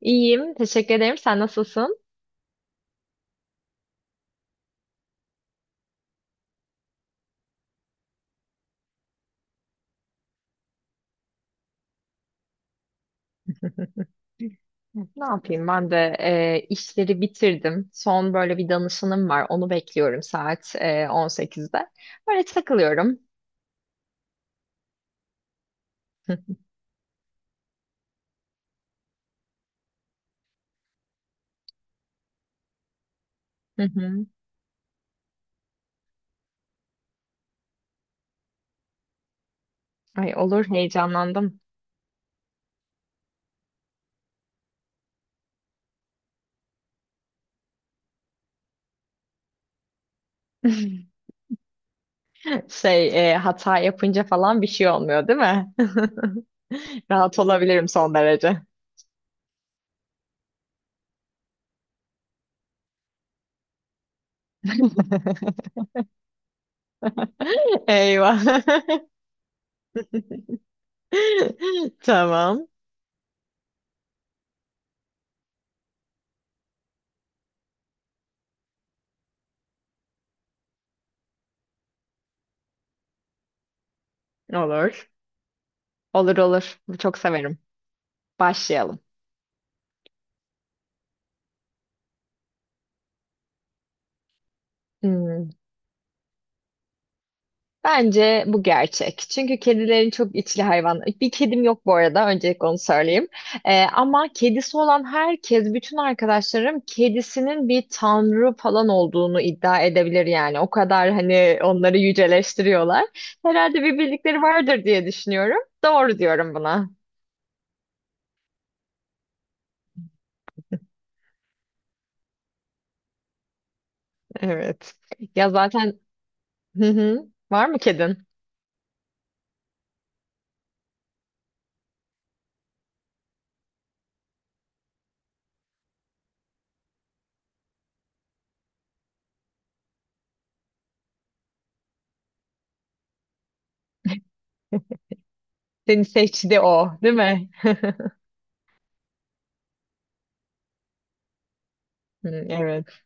İyiyim, teşekkür ederim. Sen nasılsın? Ne yapayım? Ben de işleri bitirdim. Son böyle bir danışanım var. Onu bekliyorum saat 18'de. Böyle takılıyorum. Ay olur heyecanlandım. Hata yapınca falan bir şey olmuyor değil mi? Rahat olabilirim son derece. Eyvah. Tamam. Olur. Olur olur. Çok severim. Başlayalım. Hmm. Bence bu gerçek. Çünkü kedilerin çok içli hayvan. Bir kedim yok bu arada. Öncelikle onu söyleyeyim. Ama kedisi olan herkes, bütün arkadaşlarım kedisinin bir tanrı falan olduğunu iddia edebilir yani. O kadar hani onları yüceleştiriyorlar. Herhalde bir bildikleri vardır diye düşünüyorum. Doğru diyorum buna. Evet. Ya zaten hı hı. Var mı kedin? Seni seçti o, değil mi? Hı, evet.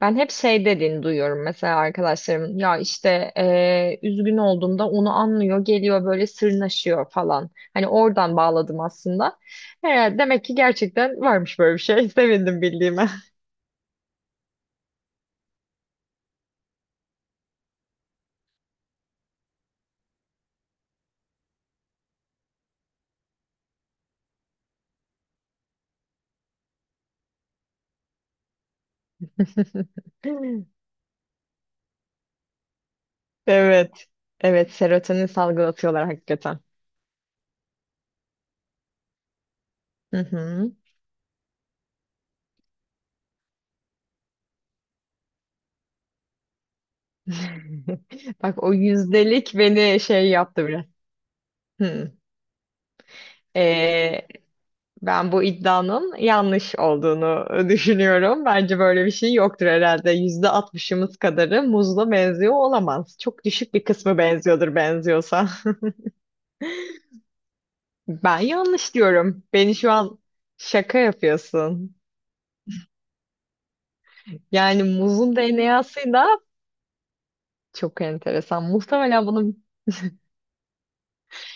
Ben hep şey dediğini duyuyorum mesela arkadaşlarım ya işte üzgün olduğumda onu anlıyor geliyor böyle sırnaşıyor falan. Hani oradan bağladım aslında. He, demek ki gerçekten varmış böyle bir şey. Sevindim bildiğime. Evet. Evet, serotonin salgılatıyorlar hakikaten. Hı hı. Bak o yüzdelik beni şey yaptı biraz. Hı. Ee, ben bu iddianın yanlış olduğunu düşünüyorum. Bence böyle bir şey yoktur herhalde. %60'ımız kadarı muzla benziyor olamaz. Çok düşük bir kısmı benziyordur benziyorsa. Ben yanlış diyorum. Beni şu an şaka yapıyorsun. Yani muzun DNA'sıyla çok enteresan. Muhtemelen bunun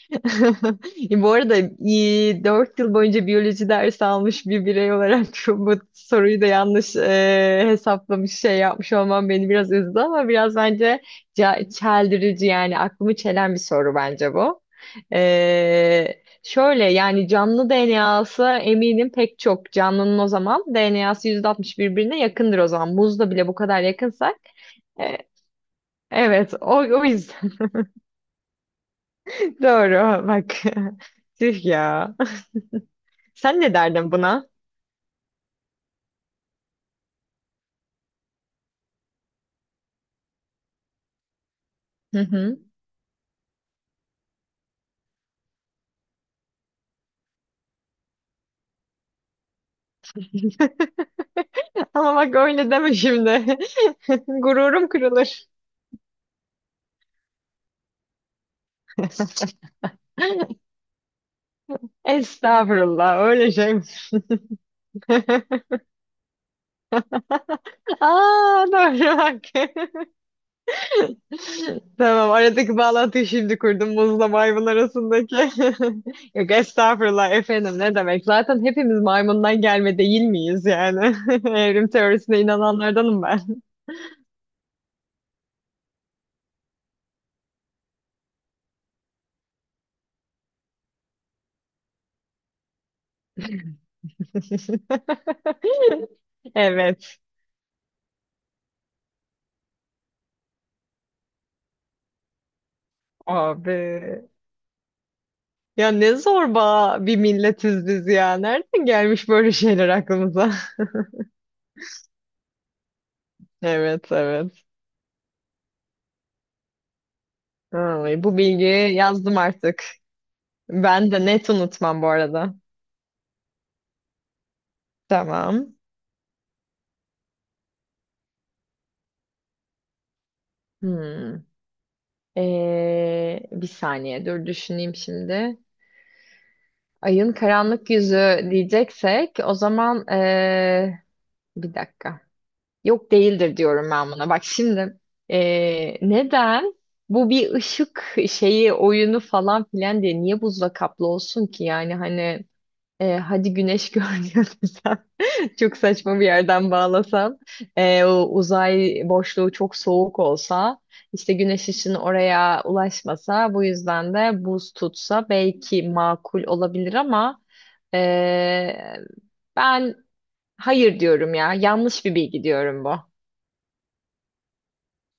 bu arada 4 yıl boyunca biyoloji dersi almış bir birey olarak şu, bu soruyu da yanlış hesaplamış şey yapmış olmam beni biraz üzdü, ama biraz bence çeldirici, yani aklımı çelen bir soru bence bu. Şöyle yani canlı DNA'sı, eminim pek çok canlının o zaman DNA'sı 60 birbirine yakındır o zaman. Muzla bile bu kadar yakınsak e, evet, o yüzden doğru bak, tüh ya. Sen ne derdin buna? Hı hı. Ama bak öyle deme şimdi. Gururum kırılır. Estağfurullah, öyle şey mi? Aa, doğru bak. Tamam, aradaki bağlantıyı şimdi kurdum muzla maymun arasındaki. Yok estağfurullah efendim, ne demek. Zaten hepimiz maymundan gelme değil miyiz yani? Evrim teorisine inananlardanım ben. Evet. Abi. Ya ne zorba bir milletiz biz ya. Nereden gelmiş böyle şeyler aklımıza? Evet, evet. Ay, bu bilgiyi yazdım artık. Ben de net unutmam bu arada. Tamam. Hmm. Bir saniye dur düşüneyim şimdi. Ayın karanlık yüzü diyeceksek o zaman bir dakika. Yok değildir diyorum ben buna. Bak şimdi, neden bu bir ışık şeyi oyunu falan filan diye niye buzla kaplı olsun ki? Yani hani hadi güneş görünüyor desem, çok saçma bir yerden bağlasam, o uzay boşluğu çok soğuk olsa, işte güneş ışını oraya ulaşmasa, bu yüzden de buz tutsa belki makul olabilir ama eee, ben hayır diyorum ya, yanlış bir bilgi diyorum bu.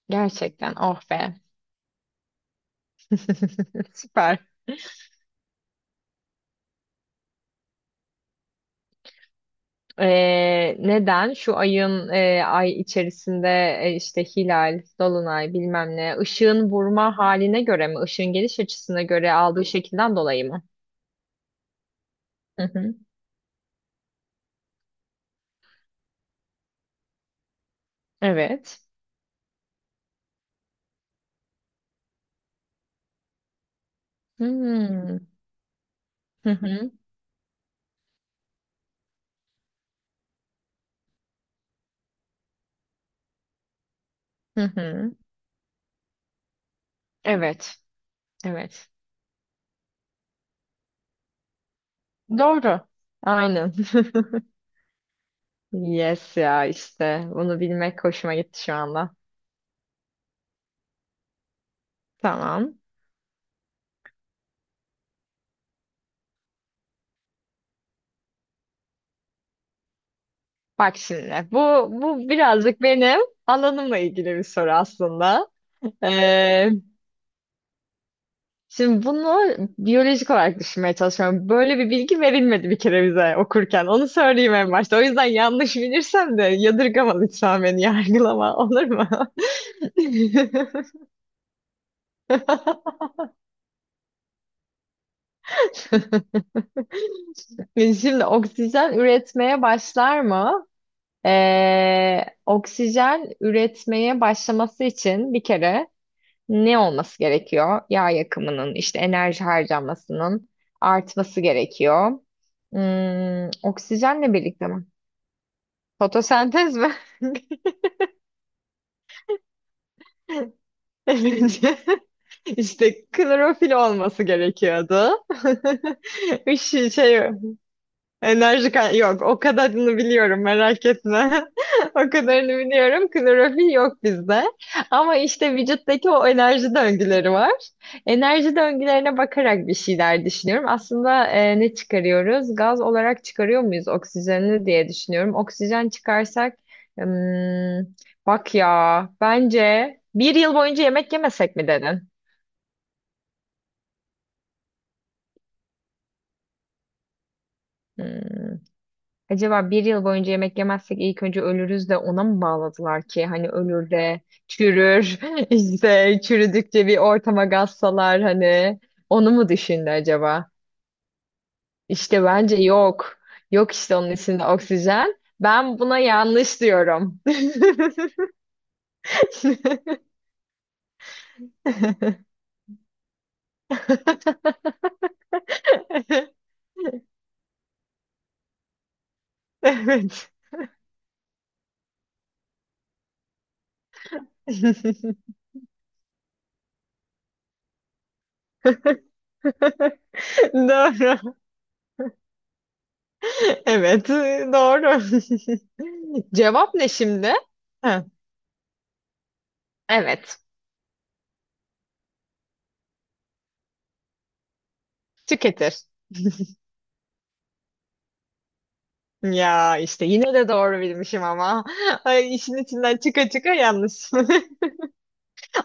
Gerçekten oh be. Süper. Neden? Şu ayın ay içerisinde işte hilal, dolunay bilmem ne ışığın vurma haline göre mi? Işığın geliş açısına göre aldığı şekilden dolayı mı? Hı hı. Evet. Hmm. Hı hı. Hı hı. Evet. Evet. Doğru. Aynen. Yes ya işte. Bunu bilmek hoşuma gitti şu anda. Tamam. Bak şimdi, bu birazcık benim alanımla ilgili bir soru aslında. Ee, şimdi bunu biyolojik olarak düşünmeye çalışıyorum. Böyle bir bilgi verilmedi bir kere bize okurken. Onu söyleyeyim en başta. O yüzden yanlış bilirsem de yadırgama lütfen beni, yargılama, olur mu? Şimdi oksijen üretmeye başlar mı? Oksijen üretmeye başlaması için bir kere ne olması gerekiyor? Yağ yakımının, işte enerji harcamasının artması gerekiyor. Hmm, oksijenle birlikte mi? Fotosentez mi? Bence işte klorofil olması gerekiyordu. Işığı Enerji yok. O kadarını biliyorum merak etme. O kadarını biliyorum. Klorofil yok bizde. Ama işte vücuttaki o enerji döngüleri var. Enerji döngülerine bakarak bir şeyler düşünüyorum. Aslında ne çıkarıyoruz? Gaz olarak çıkarıyor muyuz oksijeni diye düşünüyorum. Oksijen çıkarsak hmm, bak ya, bence bir yıl boyunca yemek yemesek mi dedin? Hmm. Acaba bir yıl boyunca yemek yemezsek ilk önce ölürüz de ona mı bağladılar ki? Hani ölür de çürür, işte çürüdükçe bir ortama gazsalar, hani onu mu düşündü acaba? İşte bence yok. Yok işte, onun içinde oksijen. Ben buna yanlış diyorum. Evet. Doğru. Evet, doğru. Cevap ne şimdi? He. Evet. Tüketir. Ya işte yine de doğru bilmişim ama. Ay, işin içinden çıka çıka yanlış.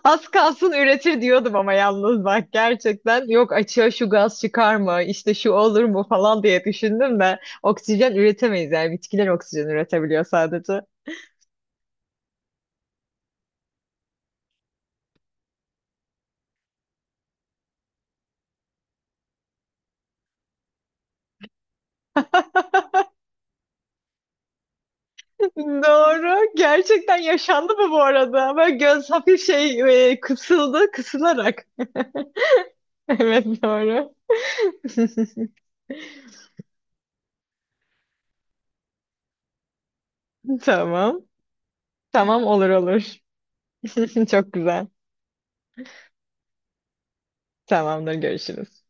Az kalsın üretir diyordum ama yalnız bak, gerçekten yok, açığa şu gaz çıkar mı, işte şu olur mu falan diye düşündüm de oksijen üretemeyiz yani, bitkiler oksijen üretebiliyor sadece. Doğru. Gerçekten yaşandı mı bu arada? Böyle göz hafif kısıldı kısılarak. Evet, doğru. Tamam. Tamam, olur olur. Çok güzel. Tamamdır, görüşürüz.